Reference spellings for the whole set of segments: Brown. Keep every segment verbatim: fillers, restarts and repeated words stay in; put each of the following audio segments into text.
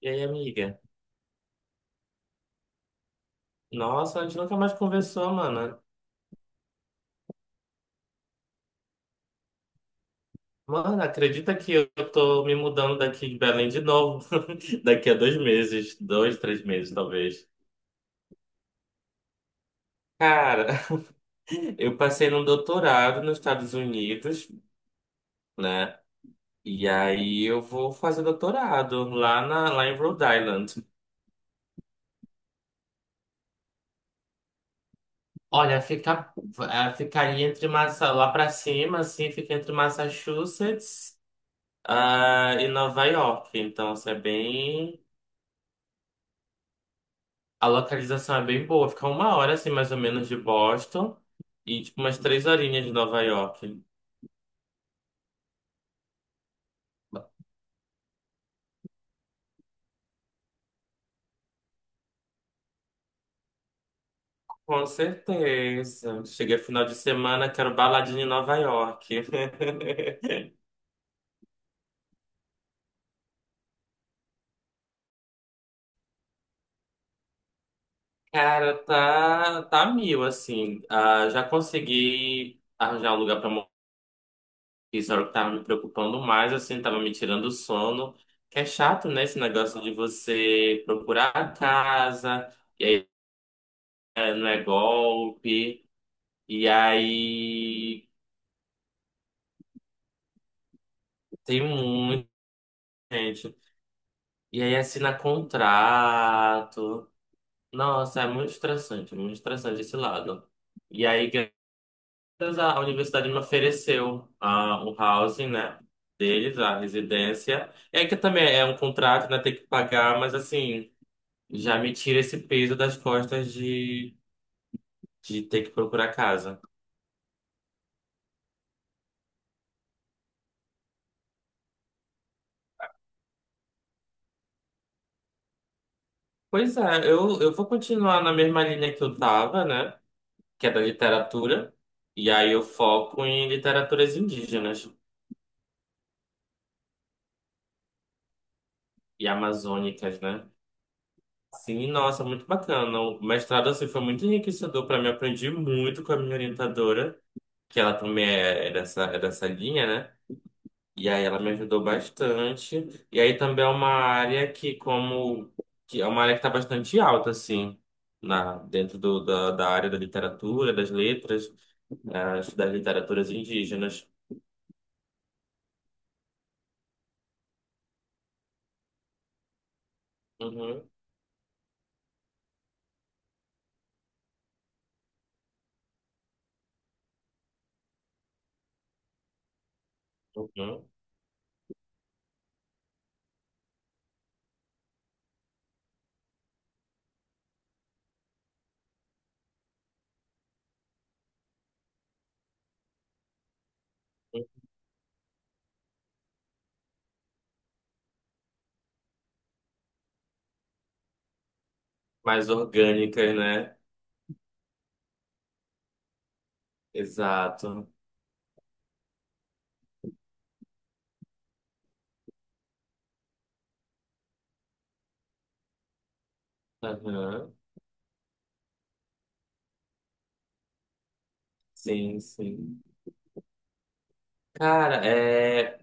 E aí, amiga? Nossa, a gente nunca mais conversou, mano. Mano, acredita que eu tô me mudando daqui de Belém de novo? Daqui a dois meses, dois, três meses, talvez. Cara, eu passei num doutorado nos Estados Unidos, né? E aí eu vou fazer doutorado lá, na, lá em Rhode Island. Olha, fica, eh, ficaria entre Massa, lá pra cima, assim, fica entre Massachusetts, ah, e Nova York. Então, isso é bem. A localização é bem boa, fica uma hora assim mais ou menos de Boston e tipo umas três horinhas de Nova York. Com certeza. Cheguei final de semana, quero baladinha em Nova York. Cara, tá, tá mil, assim. Ah, já consegui arranjar um lugar pra morar. Isso era o que tava me preocupando mais, assim, tava me tirando o sono. Que é chato, né, esse negócio de você procurar a casa, e aí eh, não é golpe. E aí. Tem muita gente. E aí assina contrato. Nossa, é muito estressante, muito estressante esse lado. E aí, graças à a universidade me ofereceu ah, o housing, né? Deles, a residência. É que também é um contrato, né? Tem que pagar, mas assim, já me tira esse peso das costas de, de ter que procurar casa. Pois é, eu, eu vou continuar na mesma linha que eu tava, né? Que é da literatura. E aí eu foco em literaturas indígenas e amazônicas, né? Sim, nossa, muito bacana. O mestrado assim foi muito enriquecedor para mim. Aprendi muito com a minha orientadora, que ela também é é dessa, é dessa linha, né? E aí ela me ajudou bastante. E aí também é uma área que como que é uma área que está bastante alta assim, na dentro do, da, da área da literatura, das letras, eh, das literaturas indígenas. Uhum, uhum. Uhum. Mais orgânicas, né? Exato. Aham. Sim, sim. Cara, é,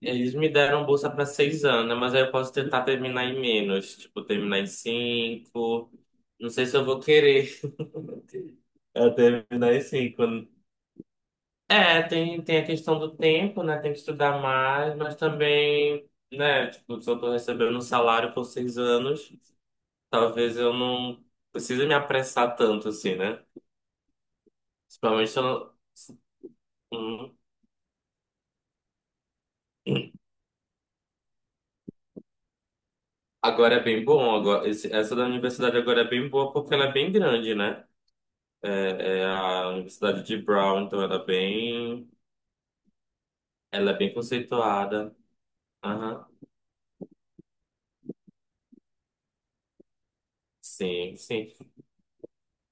eles me deram bolsa para seis anos, né? Mas aí eu posso tentar terminar em menos, tipo, terminar em cinco. Não sei se eu vou querer eu terminar em cinco. É, tem, tem a questão do tempo, né? Tem que estudar mais, mas também, né? Tipo, se eu tô recebendo um salário por seis anos, talvez eu não precise me apressar tanto, assim, né? Principalmente se eu não... Uhum. Agora é bem bom, agora, esse- essa da universidade agora é bem boa porque ela é bem grande, né? É, é a Universidade de Brown, então ela é bem, ela é bem conceituada. Aham, sim, sim.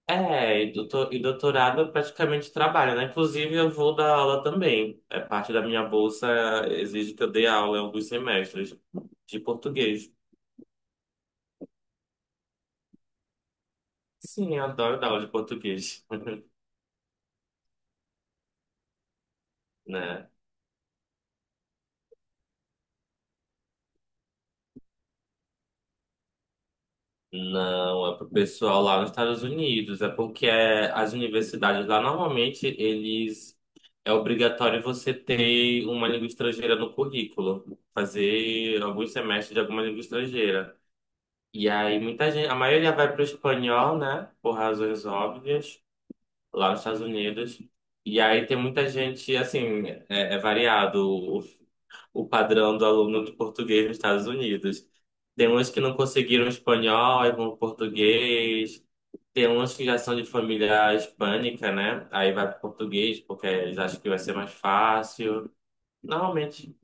É, e, doutor, e doutorado eu praticamente trabalho, né? Inclusive eu vou dar aula também. É parte da minha bolsa, exige que eu dê aula em alguns semestres de português. Sim, eu adoro dar aula de português, né? Não, é pro pessoal lá nos Estados Unidos. É porque é, as universidades lá normalmente eles é obrigatório você ter uma língua estrangeira no currículo, fazer alguns semestres de alguma língua estrangeira. E aí muita gente, a maioria vai pro espanhol, né? Por razões óbvias lá nos Estados Unidos. E aí tem muita gente, assim, é, é variado o, o padrão do aluno de português nos Estados Unidos. Tem uns que não conseguiram espanhol, aí vão pro português. Tem uns que já são de família hispânica, né? Aí vai pro português, porque eles acham que vai ser mais fácil. Normalmente.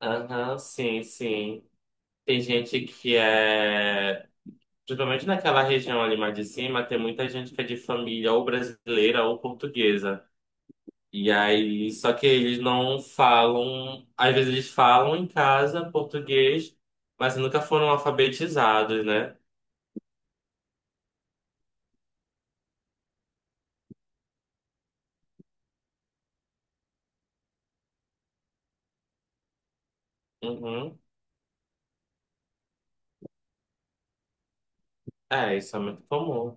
Aham, sim, sim. Tem gente que é. Principalmente naquela região ali mais de cima, tem muita gente que é de família ou brasileira ou portuguesa. E aí, só que eles não falam, às vezes eles falam em casa português, mas nunca foram alfabetizados, né? Uhum. É, isso é muito comum.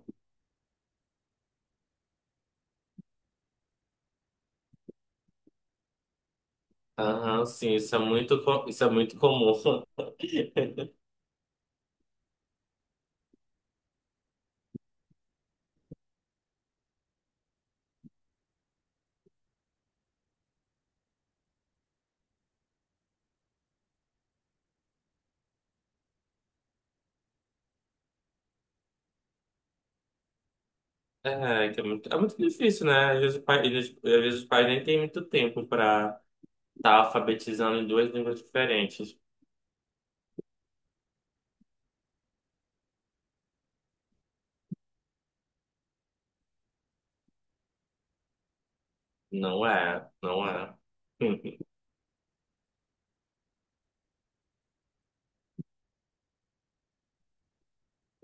Aham, sim, isso é muito, co- isso é muito comum. É, que é muito, é muito difícil, né? Às vezes, o pai- eles- às vezes os pais nem têm muito tempo para estar alfabetizando em duas línguas diferentes. Não é, não é.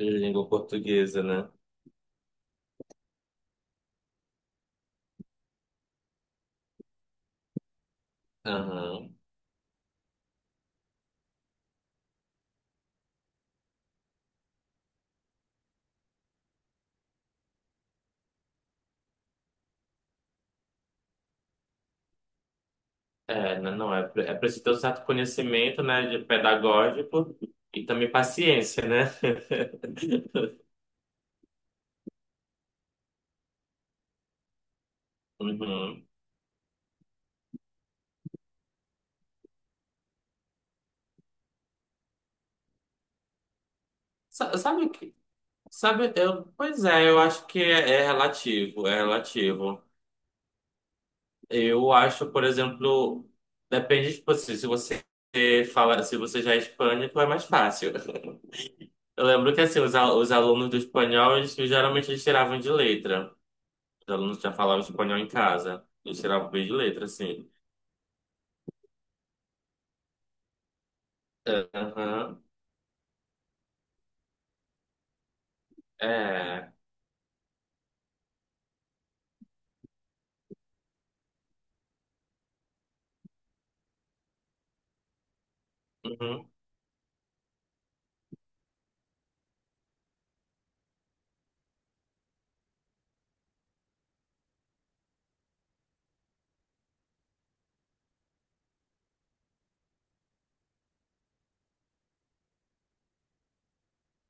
Língua portuguesa, né? Aham. É, n- não, é, pre- é preciso ter um certo conhecimento, né, de pedagógico e também paciência, né? Uhum. Sa- Sabe que, sabe, eu, pois é, eu acho que é, é relativo, é relativo. Eu acho, por exemplo, depende, tipo, assim, se você fala, se você já é hispânico, é mais fácil. Eu lembro que, assim, os, al- os alunos do espanhol, eles, geralmente eles tiravam de letra. Os alunos já falavam espanhol em casa, eles tiravam bem de letra, assim. Aham. É, uhum,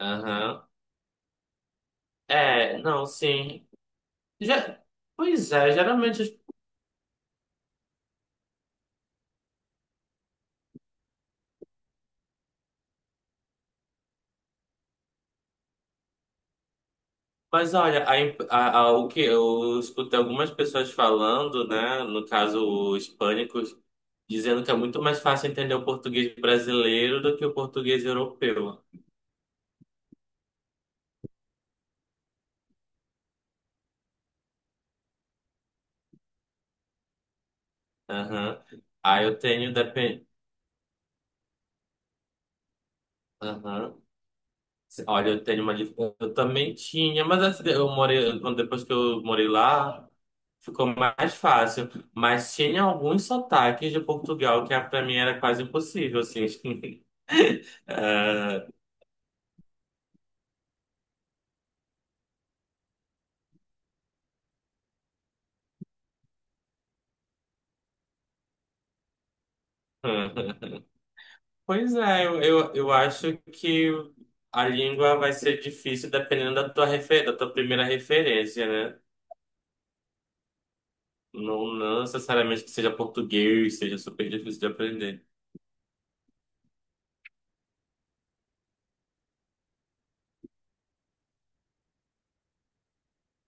aham. É, não, sim. Já, pois é, geralmente. as- Mas olha, a, imp- a, a- o que eu escutei algumas pessoas falando, né? No caso, os pânicos, dizendo que é muito mais fácil entender o português brasileiro do que o português europeu. Aham. Aí eu tenho depende. Olha, eu tenho uma. dif- eu também tinha, mas assim, eu morei. quando- Depois que eu morei lá, ficou mais fácil. Mas tinha alguns sotaques de Portugal que ah, pra mim era quase impossível, assim. Ah, pois é, eu, eu, eu acho que a língua vai ser difícil dependendo da tua, refer, da tua primeira referência, né? Não, não necessariamente que seja português, seja super difícil de aprender.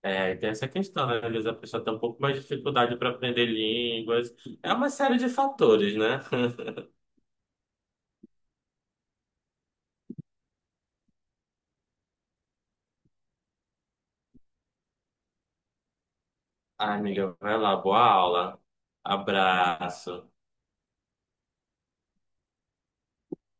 É, tem essa questão, né? Às vezes a pessoa tem um pouco mais de dificuldade para aprender línguas. É uma série de fatores, né? Ah, amiga, vai lá, boa aula. Abraço.